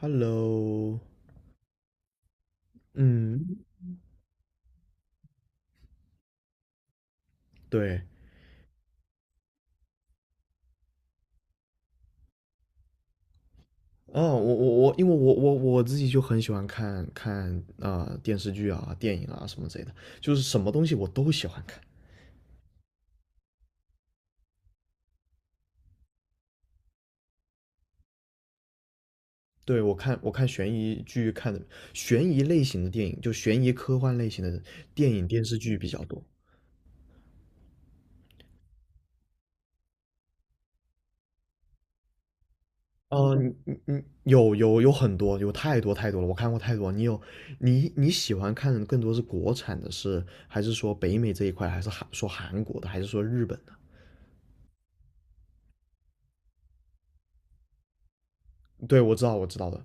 Hello，嗯，对，哦，我，因为我自己就很喜欢看电视剧啊、电影啊什么之类的，就是什么东西我都喜欢看。对，我看悬疑剧看的悬疑类型的电影，就悬疑科幻类型的电影电视剧比较多。哦，你有很多，有太多太多了，我看过太多。你有你你喜欢看的更多是国产的是，还是说北美这一块，还是韩说韩国的，还是说日本的？对，我知道，我知道的。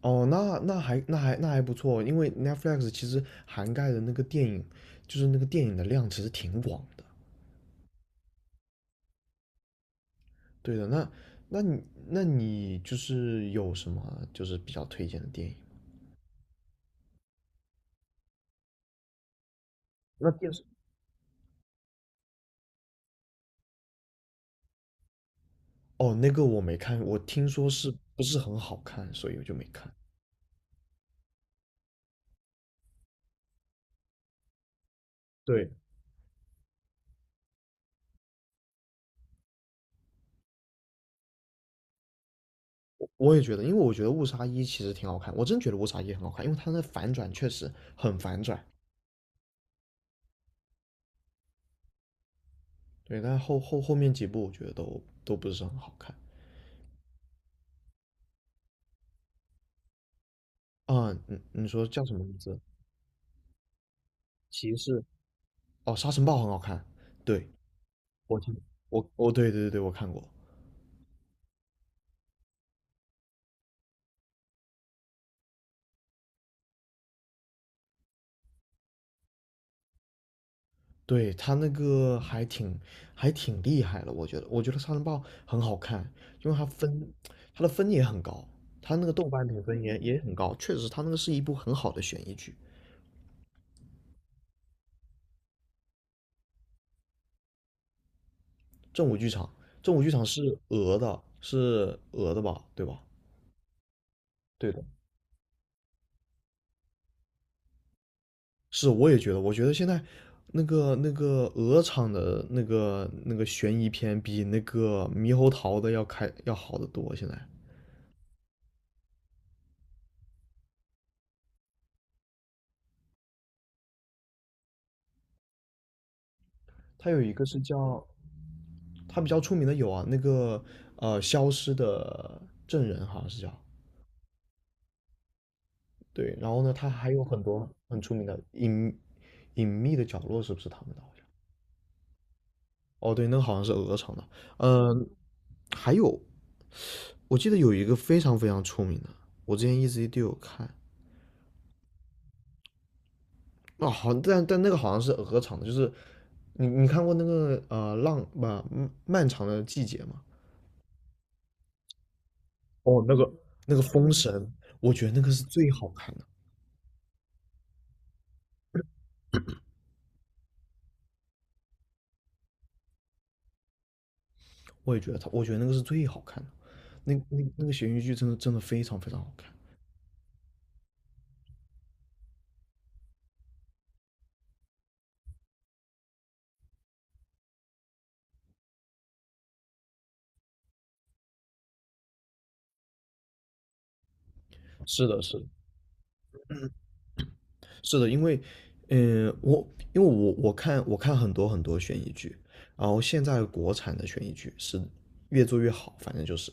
哦，那还不错，因为 Netflix 其实涵盖的那个电影，就是那个电影的量其实挺广的。对的，那你就是有什么就是比较推荐的电影？那电视哦，那个我没看，我听说是不是很好看，所以我就没看。对，我也觉得，因为我觉得误杀一其实挺好看，我真觉得误杀一很好看，因为它的反转确实很反转。对，但后面几部我觉得都不是很好看。啊，你说叫什么名字？骑士。哦，沙尘暴很好看，对，我听，我对，我看过，对他那个还挺还挺厉害的，我觉得，我觉得沙尘暴很好看，因为它分它的分也很高，它那个豆瓣评分也很高，确实，它那个是一部很好的悬疑剧。正午剧场，正午剧场是俄的，是俄的吧，对吧？对的，是，我也觉得，我觉得现在那个鹅厂的那个悬疑片比那个猕猴桃的要开要好得多，现在。它有一个是叫，它比较出名的有啊，那个呃消失的证人好像是叫，对，然后呢，他还有很多很出名的隐隐秘的角落，是不是他们的？好像，哦，对，那个好像是鹅厂的，嗯、还有我记得有一个非常非常出名的，我之前一直都有看，哦，好，但但那个好像是鹅厂的，就是你看过那个呃浪吧、漫长的季节吗？哦，那个封神，我觉得那个是最好看的。我也觉得他，我觉得那个是最好看的，那那个悬疑剧真的真的非常非常好看。是的，是的，是的，因为，嗯，我因为我看很多很多悬疑剧，然后现在国产的悬疑剧是越做越好，反正就是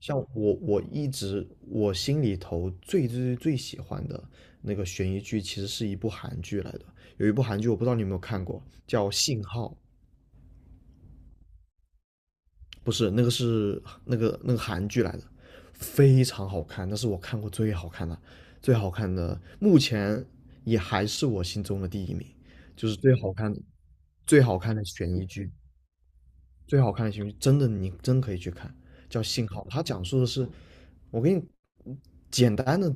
像我一直心里头最最最喜欢的那个悬疑剧，其实是一部韩剧来的，有一部韩剧我不知道你有没有看过，叫《信号》，不是那个是那个韩剧来的，非常好看，那是我看过最好看的，最好看的，目前也还是我心中的第一名，就是最好看最好看的悬疑剧，最好看的悬疑剧，真的你真可以去看，叫《信号》，它讲述的是，我给你简单的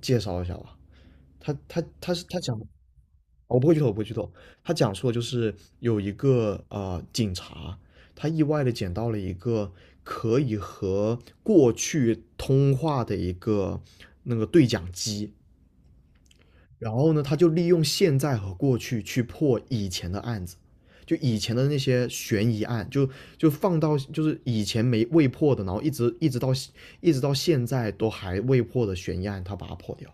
介绍一下吧，它讲我不会剧透，我不会剧透。他讲述的就是有一个呃警察，他意外的捡到了一个可以和过去通话的一个那个对讲机，然后呢，他就利用现在和过去去破以前的案子，就以前的那些悬疑案，就放到就是以前没未破的，然后一直到现在都还未破的悬疑案，他把它破掉。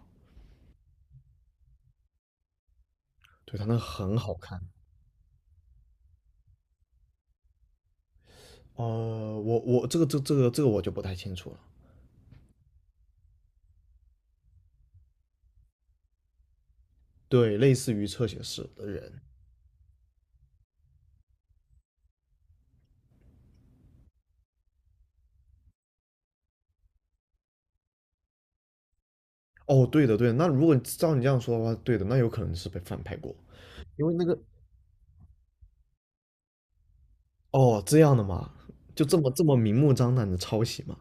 对，他那很好看。呃，我这个我就不太清楚了。对，类似于侧写师的人。哦，对的对的，那如果照你这样说的话，对的，那有可能是被翻拍过，因为那个哦这样的嘛，就这么明目张胆的抄袭嘛。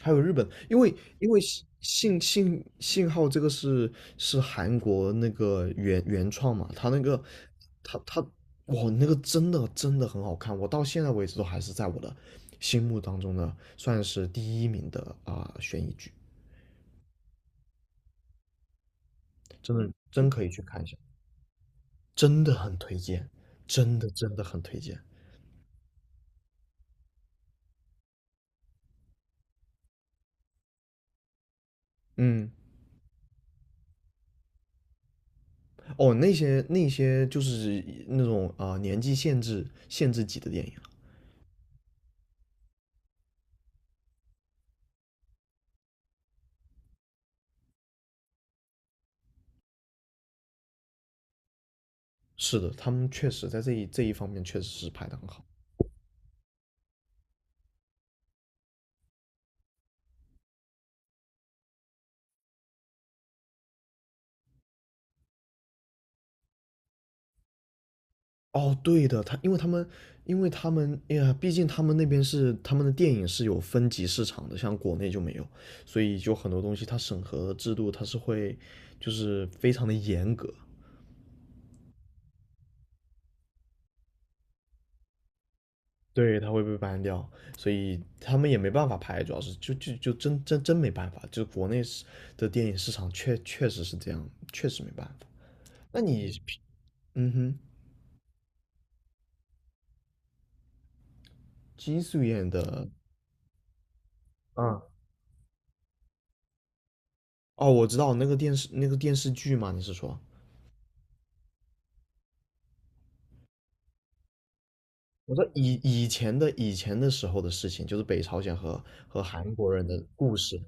还有日本，因为因为信号这个是是韩国那个原原创嘛，他那个他他哇那个真的真的很好看，我到现在为止都还是在我的心目当中的算是第一名的啊、悬疑剧，真的真可以去看一下，真的很推荐，真的真的很推荐。嗯，哦，那些那些就是那种啊、年纪限制级的电影，是的，他们确实在这一方面确实是拍的很好。哦，对的，他因为他们，因为他们，哎呀，毕竟他们那边是他们的电影是有分级市场的，像国内就没有，所以就很多东西它审核制度它是会就是非常的严格，对，它会被 ban 掉，所以他们也没办法拍，主要是就真没办法，就是国内是的电影市场确确实是这样，确实没办法。那你平嗯哼，金素妍的，啊，哦，我知道那个电视剧嘛，你是说？我说以以前的时候的事情，就是北朝鲜和韩国人的故事。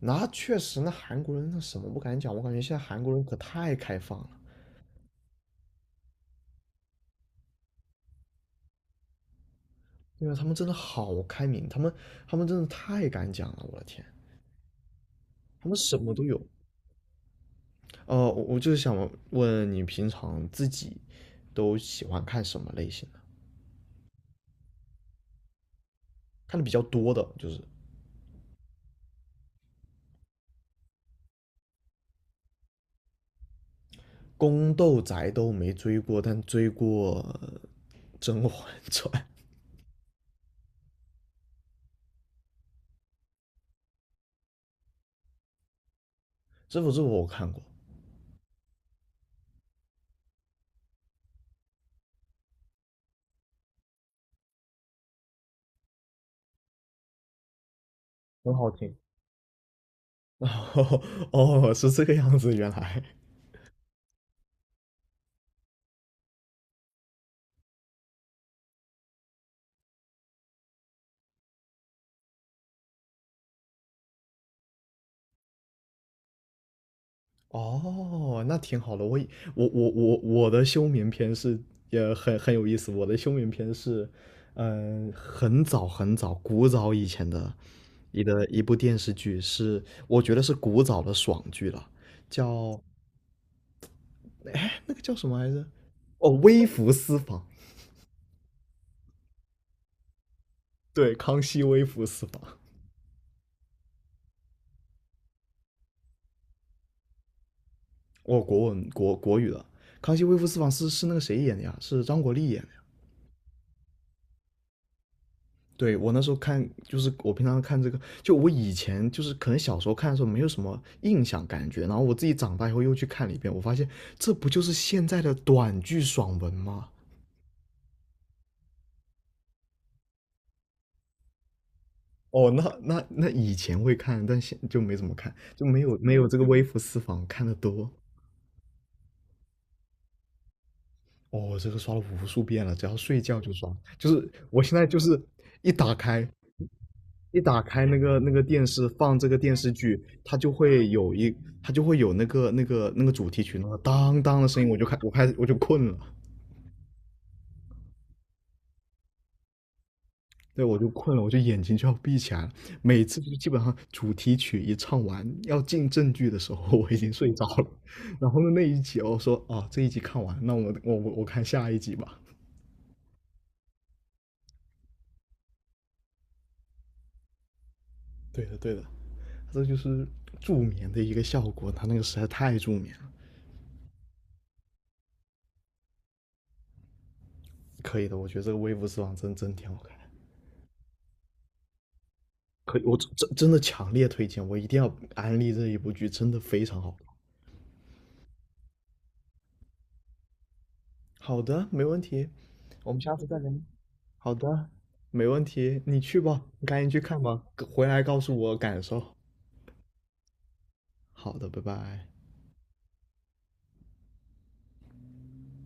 那确实，那韩国人那什么不敢讲，我感觉现在韩国人可太开放了，对为他们真的好开明，他们他们真的太敢讲了，我的天，他们什么都有。呃，我就是想问你，平常自己都喜欢看什么类型的？看的比较多的，就是宫斗宅都没追过，但追过呃甄嬛传》，这部我看过。很好听。哦哦，是这个样子，原来哦，那挺好的。我以我的休眠篇是也很很有意思。我的休眠篇是，嗯、很早很早古早以前的一部电视剧是，我觉得是古早的爽剧了，叫那个叫什么来着？哦，《微服私访》。对，康熙微服私访。哦，国文国国语的《康熙微服私访》是是那个谁演的呀？是张国立演的呀。对我那时候看，就是我平常看这个，就我以前就是可能小时候看的时候没有什么印象感觉，然后我自己长大以后又去看了一遍，我发现这不就是现在的短剧爽文吗？哦，那以前会看，但现就没怎么看，就没有这个微服私访看的多。哦，这个刷了无数遍了，只要睡觉就刷，就是我现在就是一打开一打开那个电视放这个电视剧，它就会有一，它就会有那个主题曲那个当当的声音，我开始我就困了，对我就困了，我就眼睛就要闭起来了。每次就基本上主题曲一唱完要进正剧的时候，我已经睡着了。然后呢那一集我说啊这一集看完，那我看下一集吧。对的对的，这就是助眠的一个效果，它那个实在太助眠了。可以的，我觉得这个微服私访真真挺好看可以，我真的强烈推荐，我一定要安利这一部剧，真的非常好。好的，没问题，我们下次再聊。好的，没问题，你去吧，你赶紧去看吧，回来告诉我感受。好的，拜拜。